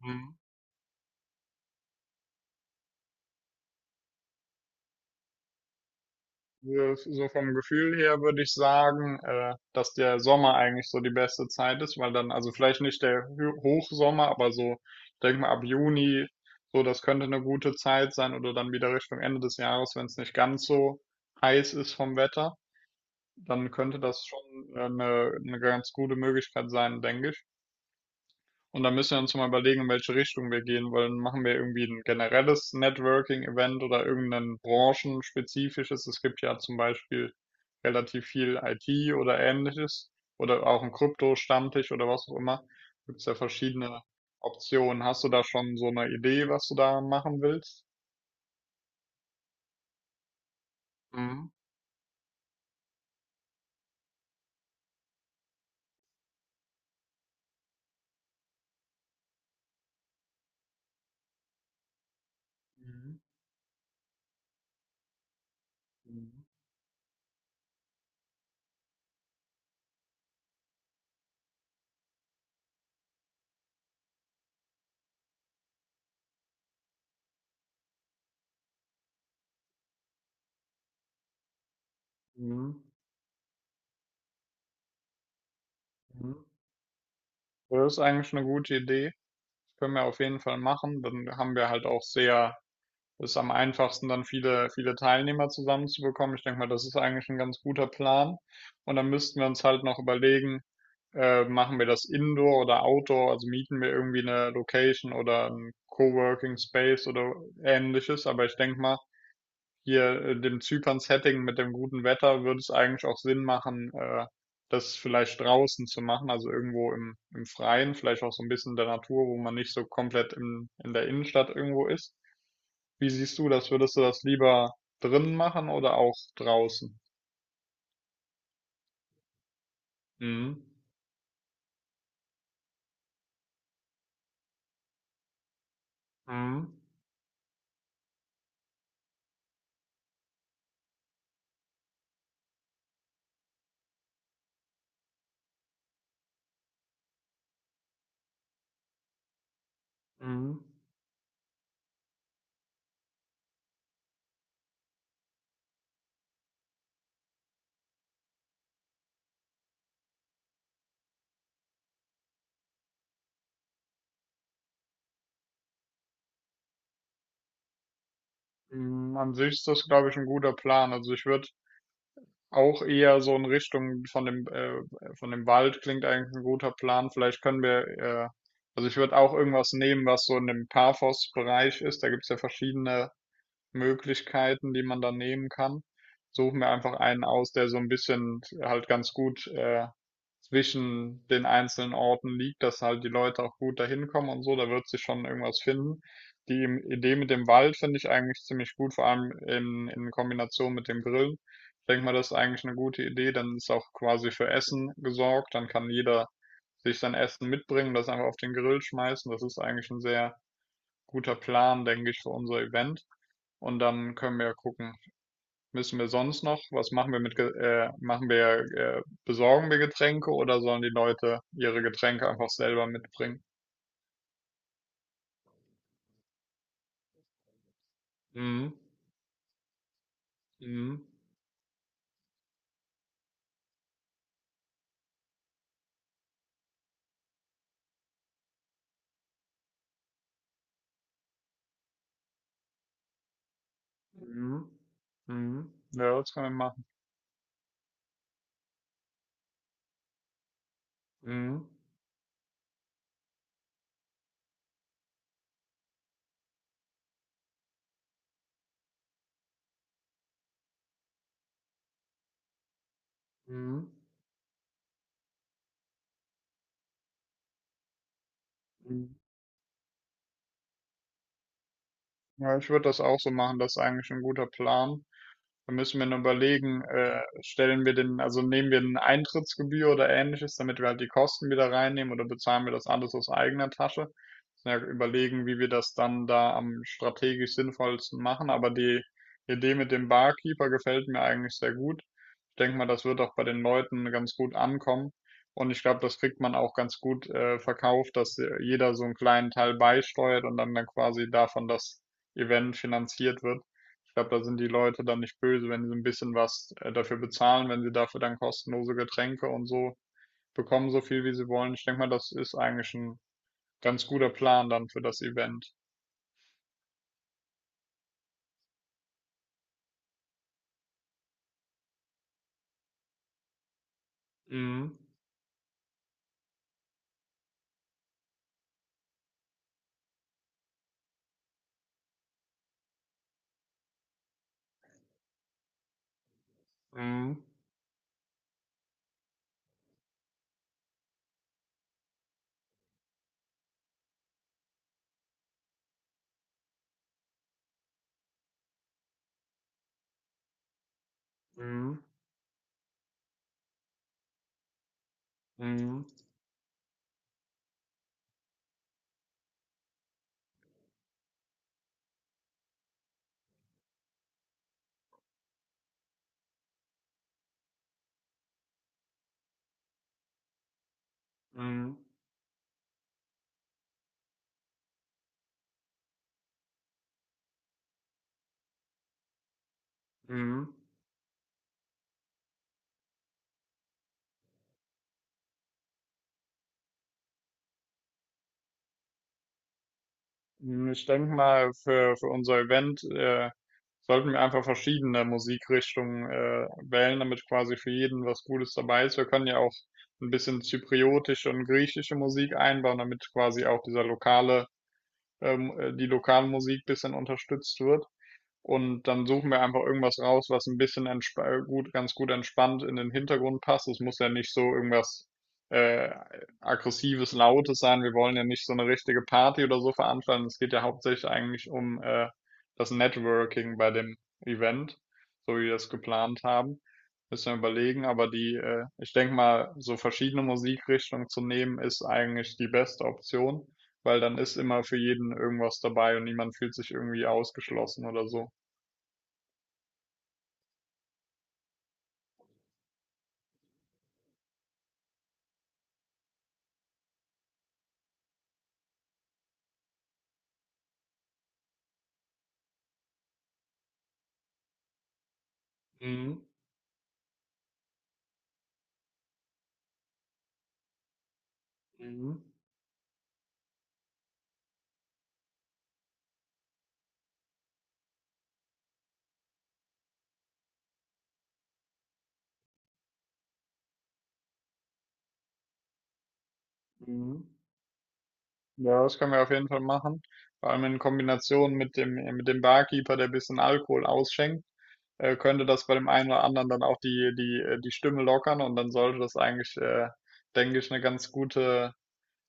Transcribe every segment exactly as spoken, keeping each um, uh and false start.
Mhm. So so vom Gefühl her würde ich sagen, äh, dass der Sommer eigentlich so die beste Zeit ist, weil dann, also vielleicht nicht der Hö- Hochsommer, aber so, ich denke mal ab Juni, so das könnte eine gute Zeit sein oder dann wieder Richtung Ende des Jahres, wenn es nicht ganz so heiß ist vom Wetter, dann könnte das schon äh, eine, eine ganz gute Möglichkeit sein, denke ich. Und dann müssen wir uns mal überlegen, in welche Richtung wir gehen wollen. Machen wir irgendwie ein generelles Networking-Event oder irgendein branchenspezifisches? Es gibt ja zum Beispiel relativ viel I T oder ähnliches oder auch ein Krypto-Stammtisch oder was auch immer. Gibt es ja verschiedene Optionen. Hast du da schon so eine Idee, was du da machen willst? Mhm. Mhm. Mhm. Mhm. Mhm. Das ist eigentlich eine gute Idee. Können wir auf jeden Fall machen. Dann haben wir halt auch sehr ist am einfachsten, dann viele, viele Teilnehmer zusammenzubekommen. Ich denke mal, das ist eigentlich ein ganz guter Plan. Und dann müssten wir uns halt noch überlegen, äh, machen wir das Indoor oder Outdoor, also mieten wir irgendwie eine Location oder ein Coworking Space oder ähnliches. Aber ich denke mal, hier äh, dem Zypern-Setting mit dem guten Wetter würde es eigentlich auch Sinn machen, äh, das vielleicht draußen zu machen, also irgendwo im, im Freien, vielleicht auch so ein bisschen in der Natur, wo man nicht so komplett im, in der Innenstadt irgendwo ist. Wie siehst du das? Würdest du das lieber drinnen machen oder auch draußen? Mhm. Mhm. Mhm. Mhm. An sich ist das, glaube ich, ein guter Plan. Also ich würde auch eher so in Richtung von dem, äh, von dem Wald klingt eigentlich ein guter Plan. Vielleicht können wir, äh, also ich würde auch irgendwas nehmen, was so in dem Paphos-Bereich ist. Da gibt es ja verschiedene Möglichkeiten, die man dann nehmen kann. Suche mir einfach einen aus, der so ein bisschen halt ganz gut, äh, zwischen den einzelnen Orten liegt, dass halt die Leute auch gut dahin kommen und so. Da wird sich schon irgendwas finden. Die im Idee mit dem Wald finde ich eigentlich ziemlich gut, vor allem in in Kombination mit dem Grillen. Ich denke mal, das ist eigentlich eine gute Idee. Dann ist auch quasi für Essen gesorgt. Dann kann jeder sich sein Essen mitbringen, das einfach auf den Grill schmeißen. Das ist eigentlich ein sehr guter Plan, denke ich, für unser Event. Und dann können wir ja gucken, müssen wir sonst noch, was machen wir mit, Ge- äh, machen wir, äh, besorgen wir Getränke oder sollen die Leute ihre Getränke einfach selber mitbringen? Mhm. Mhm. Mhm. Mhm. Ja, das können wir machen. Mhm. Mhm. Mhm. Ja, ich würde das auch so machen, das ist eigentlich ein guter Plan. Da müssen wir noch überlegen, äh, stellen wir den, also nehmen wir eine Eintrittsgebühr oder ähnliches, damit wir halt die Kosten wieder reinnehmen oder bezahlen wir das alles aus eigener Tasche? Ja, überlegen, wie wir das dann da am strategisch sinnvollsten machen. Aber die Idee mit dem Barkeeper gefällt mir eigentlich sehr gut. Ich denke mal, das wird auch bei den Leuten ganz gut ankommen. Und ich glaube, das kriegt man auch ganz gut äh, verkauft, dass äh, jeder so einen kleinen Teil beisteuert und dann, dann quasi davon das Event finanziert wird. Ich glaube, da sind die Leute dann nicht böse, wenn sie ein bisschen was äh, dafür bezahlen, wenn sie dafür dann kostenlose Getränke und so bekommen, so viel wie sie wollen. Ich denke mal, das ist eigentlich ein ganz guter Plan dann für das Event. Mhm. Mhm. Mhm. Mhm. Mhm. Mhm. Hm, Ich denke mal, für, für unser Event äh, sollten wir einfach verschiedene Musikrichtungen äh, wählen, damit quasi für jeden was Gutes dabei ist. Wir können ja auch ein bisschen zypriotische und griechische Musik einbauen, damit quasi auch dieser lokale, ähm, äh, die lokale Musik ein bisschen unterstützt wird. Und dann suchen wir einfach irgendwas raus, was ein bisschen entsp äh, gut, ganz gut entspannt in den Hintergrund passt. Es muss ja nicht so irgendwas äh, aggressives, lautes sein. Wir wollen ja nicht so eine richtige Party oder so veranstalten. Es geht ja hauptsächlich eigentlich um äh, das Networking bei dem Event, so wie wir es geplant haben. Müssen wir überlegen, aber die, äh, ich denke mal, so verschiedene Musikrichtungen zu nehmen, ist eigentlich die beste Option, weil dann ist immer für jeden irgendwas dabei und niemand fühlt sich irgendwie ausgeschlossen oder so. Mhm. Mhm. Mhm. Ja, das können wir auf jeden Fall machen. Vor allem in Kombination mit dem, äh, mit dem Barkeeper, der ein bisschen Alkohol ausschenkt, äh, könnte das bei dem einen oder anderen dann auch die, die, äh, die Stimme lockern und dann sollte das eigentlich, äh, denke ich, eine ganz gute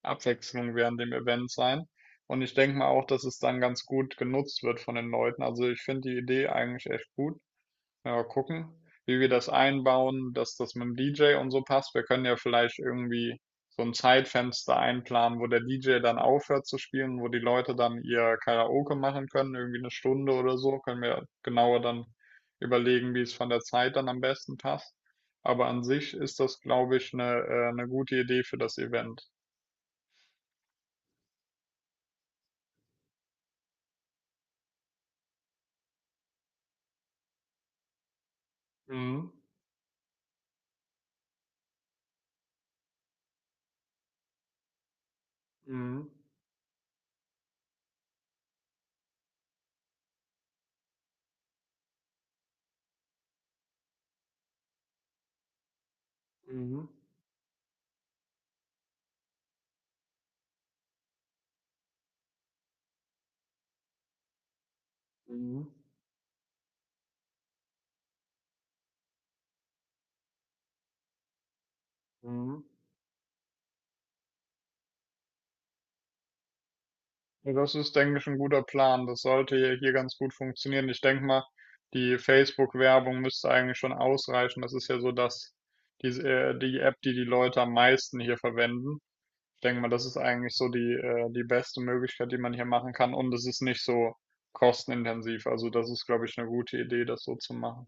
Abwechslung während dem Event sein. Und ich denke mal auch, dass es dann ganz gut genutzt wird von den Leuten. Also ich finde die Idee eigentlich echt gut. Ja, gucken, wie wir das einbauen, dass das mit dem D J und so passt. Wir können ja vielleicht irgendwie so ein Zeitfenster einplanen, wo der D J dann aufhört zu spielen, wo die Leute dann ihr Karaoke machen können, irgendwie eine Stunde oder so. Können wir genauer dann überlegen, wie es von der Zeit dann am besten passt. Aber an sich ist das, glaube ich, eine, äh, eine gute Idee für das Event. Mhm. Mhm. Mhm. Mhm. Mhm. Das ist, denke ich, ein guter Plan. Das sollte ja hier ganz gut funktionieren. Ich denke mal, die Facebook-Werbung müsste eigentlich schon ausreichen. Das ist ja so, dass die, äh, die App, die die Leute am meisten hier verwenden. Ich denke mal, das ist eigentlich so die, äh, die beste Möglichkeit, die man hier machen kann. Und es ist nicht so kostenintensiv. Also das ist, glaube ich, eine gute Idee, das so zu machen.